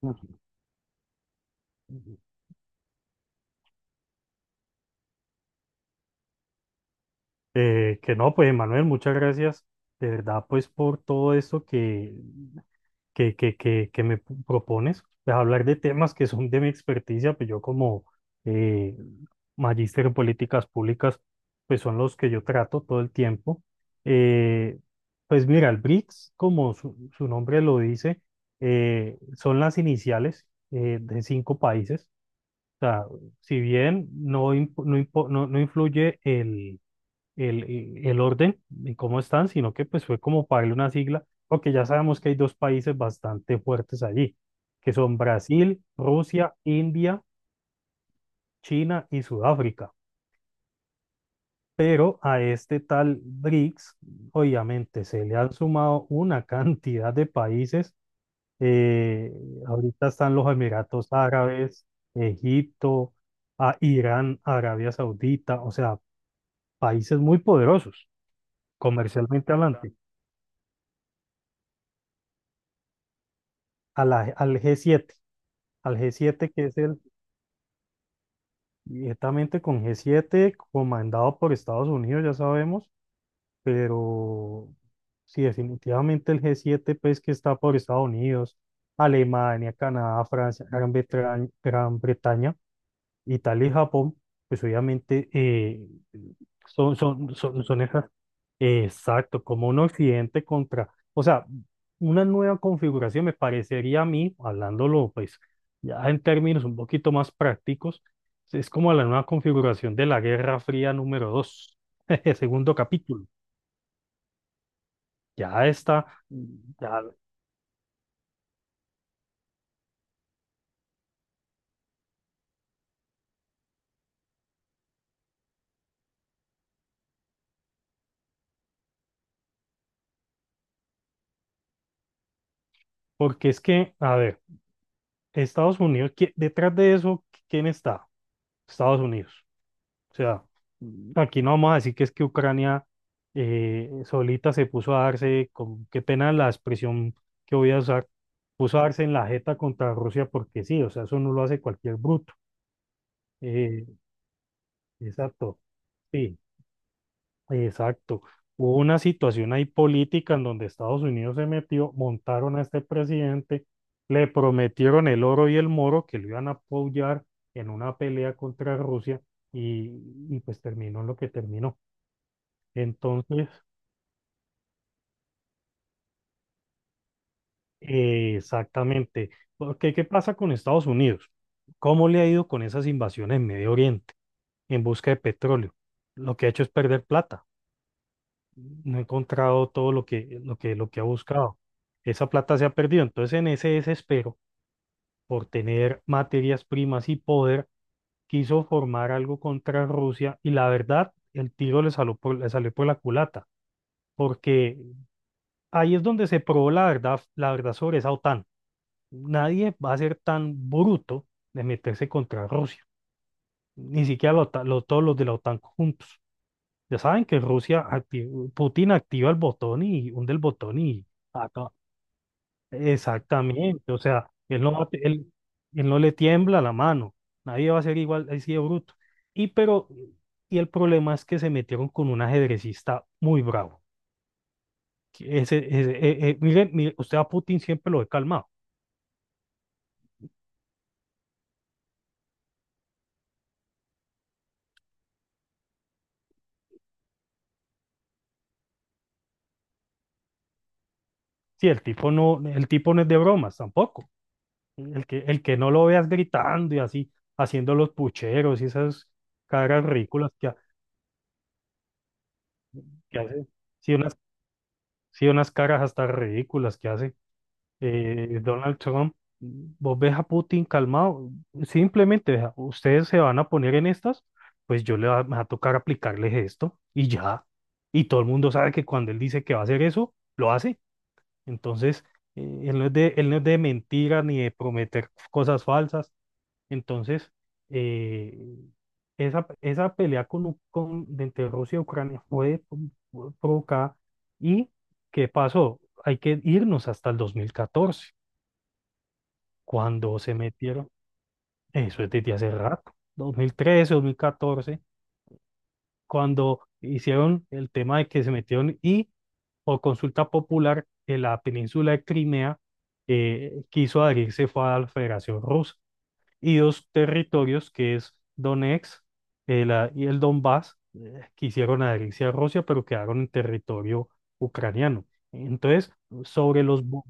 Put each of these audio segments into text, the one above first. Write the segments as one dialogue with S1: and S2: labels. S1: Ok. Ujú. Que no, pues Manuel, muchas gracias de verdad pues por todo esto que me propones, pues hablar de temas que son de mi experticia, pues yo como eh, magíster en políticas públicas, pues son los que yo trato todo el tiempo. Eh, pues mira, el BRICS, como su nombre lo dice, son las iniciales de cinco países. O sea, si bien no, imp- no, impo- no no influye el- orden y cómo están, sino que pues fue como para darle una sigla, porque ya sabemos que hay dos países bastante fuertes allí, que son Brasil, Rusia, India, China y Sudáfrica. Pero a este tal BRICS, obviamente, se le han sumado una cantidad de países. eh, Ahorita están los Emiratos Árabes, Egipto, a Irán, Arabia Saudita, o sea, países muy poderosos, comercialmente hablando. A la- al g siete que es el directamente con G7 comandado por Estados Unidos, ya sabemos, pero sí, definitivamente el G7 pues que está por Estados Unidos, Alemania, Canadá, Francia, Gran Bretaña, Italia y Japón, pues obviamente son esas, exacto, como un occidente contra, o sea, una nueva configuración me parecería a mí, hablándolo pues ya en términos un poquito más prácticos, es como la nueva configuración de la Guerra Fría número 2, segundo capítulo. Ya está, ya, porque es que, a ver, Estados Unidos, detrás de eso, ¿quién está? Estados Unidos. O sea, aquí no vamos a decir que es que Ucrania solita se puso a darse, con, qué pena la expresión que voy a usar, puso a darse en la jeta contra Rusia porque sí, o sea, eso no lo hace cualquier bruto. Eh, exacto, sí, exacto. Hubo una situación ahí política en donde Estados Unidos se metió, montaron a este presidente, le prometieron el oro y el moro que lo iban a apoyar en una pelea contra Rusia, y, y pues terminó en lo que terminó. Entonces, exactamente. Porque, ¿qué pasa con Estados Unidos? ¿Cómo le ha ido con esas invasiones en Medio Oriente en busca de petróleo? Lo que ha hecho es perder plata. No ha encontrado todo lo que ha buscado. Esa plata se ha perdido. Entonces, en ese desespero por tener materias primas y poder, quiso formar algo contra Rusia y la verdad, el tiro le salió por la culata, porque ahí es donde se probó la verdad sobre esa OTAN. Nadie va a ser tan bruto de meterse contra Rusia, ni siquiera todos los de la OTAN juntos. Ya saben que Rusia, Putin activa el botón y hunde el botón y acaba. Exactamente, o sea, él no le tiembla la mano, nadie va a ser igual así de bruto. Y, pero, y el problema es que se metieron con un ajedrecista muy bravo. Que Ese- miren, mire, usted a Putin siempre lo he calmado. Sí, el tipo no es de bromas tampoco. El que no lo veas gritando y así, haciendo los pucheros y esas caras ridículas que hace. Sí, unas, sí, unas caras hasta ridículas que hace Donald Trump. Vos ves a Putin calmado, simplemente: "Vea, ustedes se van a poner en estas, pues me va a tocar aplicarles esto y ya". Y todo el mundo sabe que cuando él dice que va a hacer eso, lo hace. Entonces, él no es de mentira ni de prometer cosas falsas. Entonces, eh, esa pelea con, U- con, de entre Rusia y Ucrania fue provocada. ¿Y qué pasó? Hay que irnos hasta el 2014 cuando se metieron, eso es desde hace rato, 2013, 2014, cuando hicieron el tema de que se metieron y por consulta popular en la península de Crimea quiso adherirse fue a la Federación Rusa. Y dos territorios que es Donetsk y el Donbass, que hicieron adherencia a Rusia, pero quedaron en territorio ucraniano. Entonces, sobre los... bo-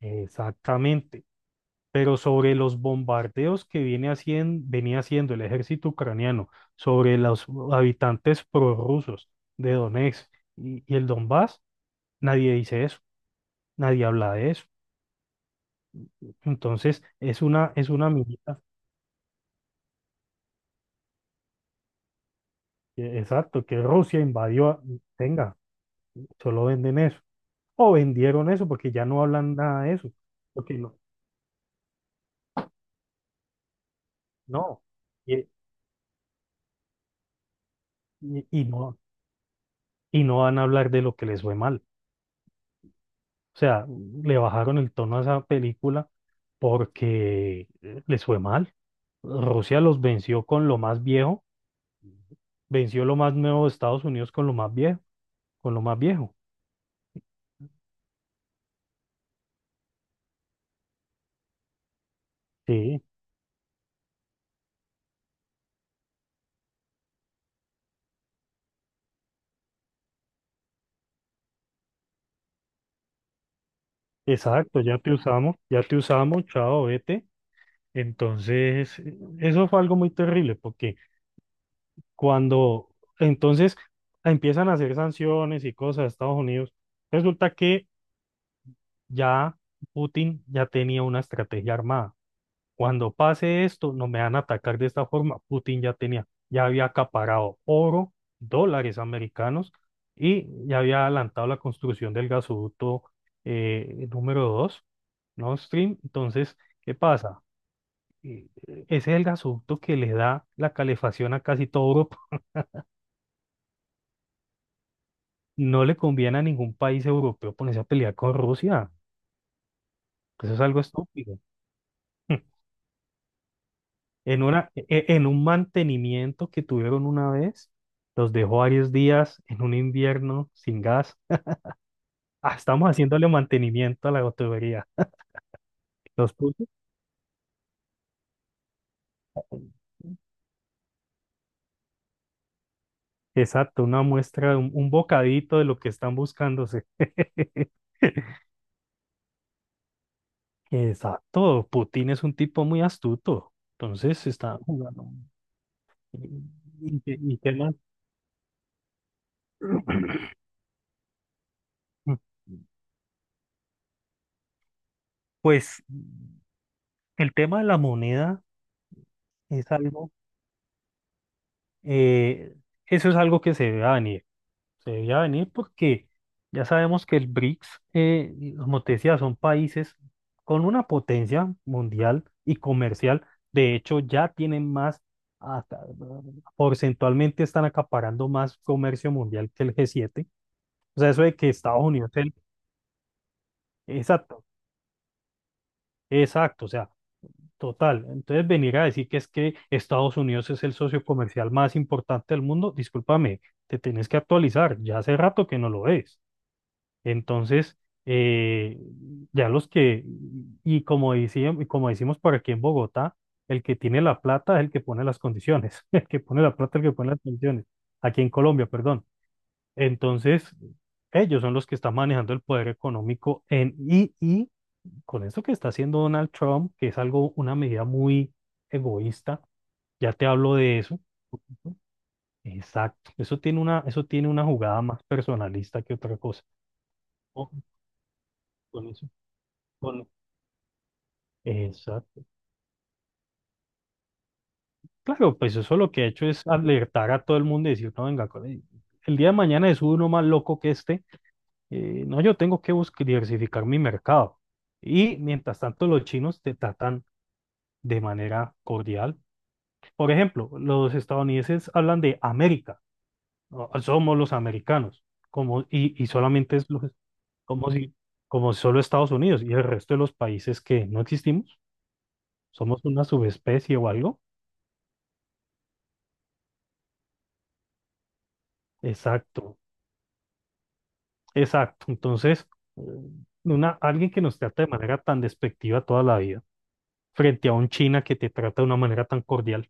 S1: exactamente. Pero sobre los bombardeos que venía haciendo el ejército ucraniano sobre los habitantes prorrusos de Donetsk y el Donbass, nadie dice eso, nadie habla de eso. Entonces, es una minita, exacto, que Rusia invadió, venga. Solo venden eso. O vendieron eso porque ya no hablan nada de eso. Porque no, no. Y, y- y no, y no van a hablar de lo que les fue mal. O sea, le bajaron el tono a esa película porque les fue mal. Rusia los venció con lo más viejo, venció lo más nuevo de Estados Unidos con lo más viejo, con lo más viejo. Sí, exacto, ya te usamos, chao, vete. Entonces, eso fue algo muy terrible porque Cuando entonces empiezan a hacer sanciones y cosas a Estados Unidos, resulta que ya Putin ya tenía una estrategia armada. Cuando pase esto, no me van a atacar de esta forma. Putin ya había acaparado oro, dólares americanos y ya había adelantado la construcción del gasoducto número 2, Nord Stream. Entonces, ¿qué pasa? Eh, Ese es el gasoducto que le da la calefacción a casi todo Europa. No le conviene a ningún país europeo ponerse a pelear con Rusia. Eso es algo estúpido. En un mantenimiento que tuvieron una vez, los dejó varios días en un invierno sin gas. Ah, estamos haciéndole mantenimiento a la tubería. Los puso, exacto, una muestra, un bocadito de lo que están buscándose. Exacto, Putin es un tipo muy astuto. Entonces está jugando. ¿Y y qué más? Pues, el tema de la moneda es algo, eh, es algo que se debe venir. Se debe venir porque ya sabemos que el BRICS, y como te decía, son países con una potencia mundial y comercial. De hecho, ya tienen más, aca- porcentualmente están acaparando más comercio mundial que el G7. O sea, eso de que Estados Unidos, exacto, exacto. O sea, total, entonces venir a decir que es que Estados Unidos es el socio comercial más importante del mundo, discúlpame, te tienes que actualizar, ya hace rato que no lo es. Entonces, eh, ya los que, y como como decimos por aquí en Bogotá, el que tiene la plata es el que pone las condiciones, el que pone la plata es el que pone las condiciones, aquí en Colombia, perdón. Entonces, ellos son los que están manejando el poder económico y con eso que está haciendo Donald Trump, que es algo, una medida muy egoísta, ya te hablo de eso. Exacto, eso tiene una jugada más personalista que otra cosa. Ojo con eso, con- exacto. Claro, pues eso lo que ha hecho es alertar a todo el mundo y decir: no, venga, el día de mañana es uno más loco que este. No, yo tengo que buscar diversificar mi mercado. Y mientras tanto, los chinos te tratan de manera cordial. Por ejemplo, los estadounidenses hablan de América. No, somos los americanos, como, y solamente es los, como si, como solo Estados Unidos y el resto de los países que no existimos, somos una subespecie o algo. Exacto, exacto. Entonces, eh, alguien que nos trata de manera tan despectiva toda la vida, frente a un China que te trata de una manera tan cordial.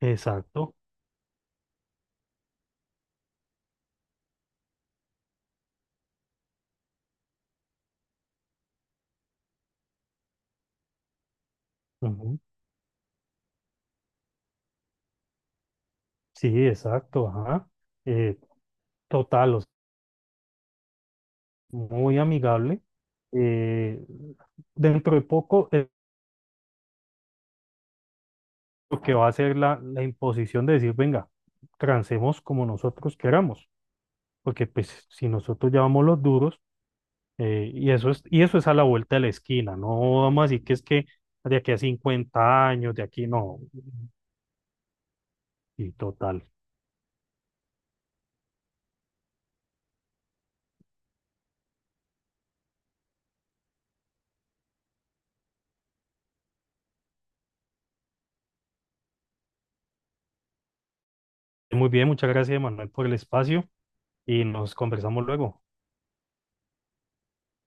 S1: Exacto. Ujú, sí, exacto, ajá. Eh, total, o sea, muy amigable. Eh, dentro de poco, lo que va a ser la imposición de decir, venga, trancemos como nosotros queramos, porque pues si nosotros ya vamos los duros, y y eso es a la vuelta de la esquina, no vamos a decir que es que de aquí a 50 años, de aquí no, y total. Muy bien, muchas gracias, Manuel, por el espacio y nos conversamos luego.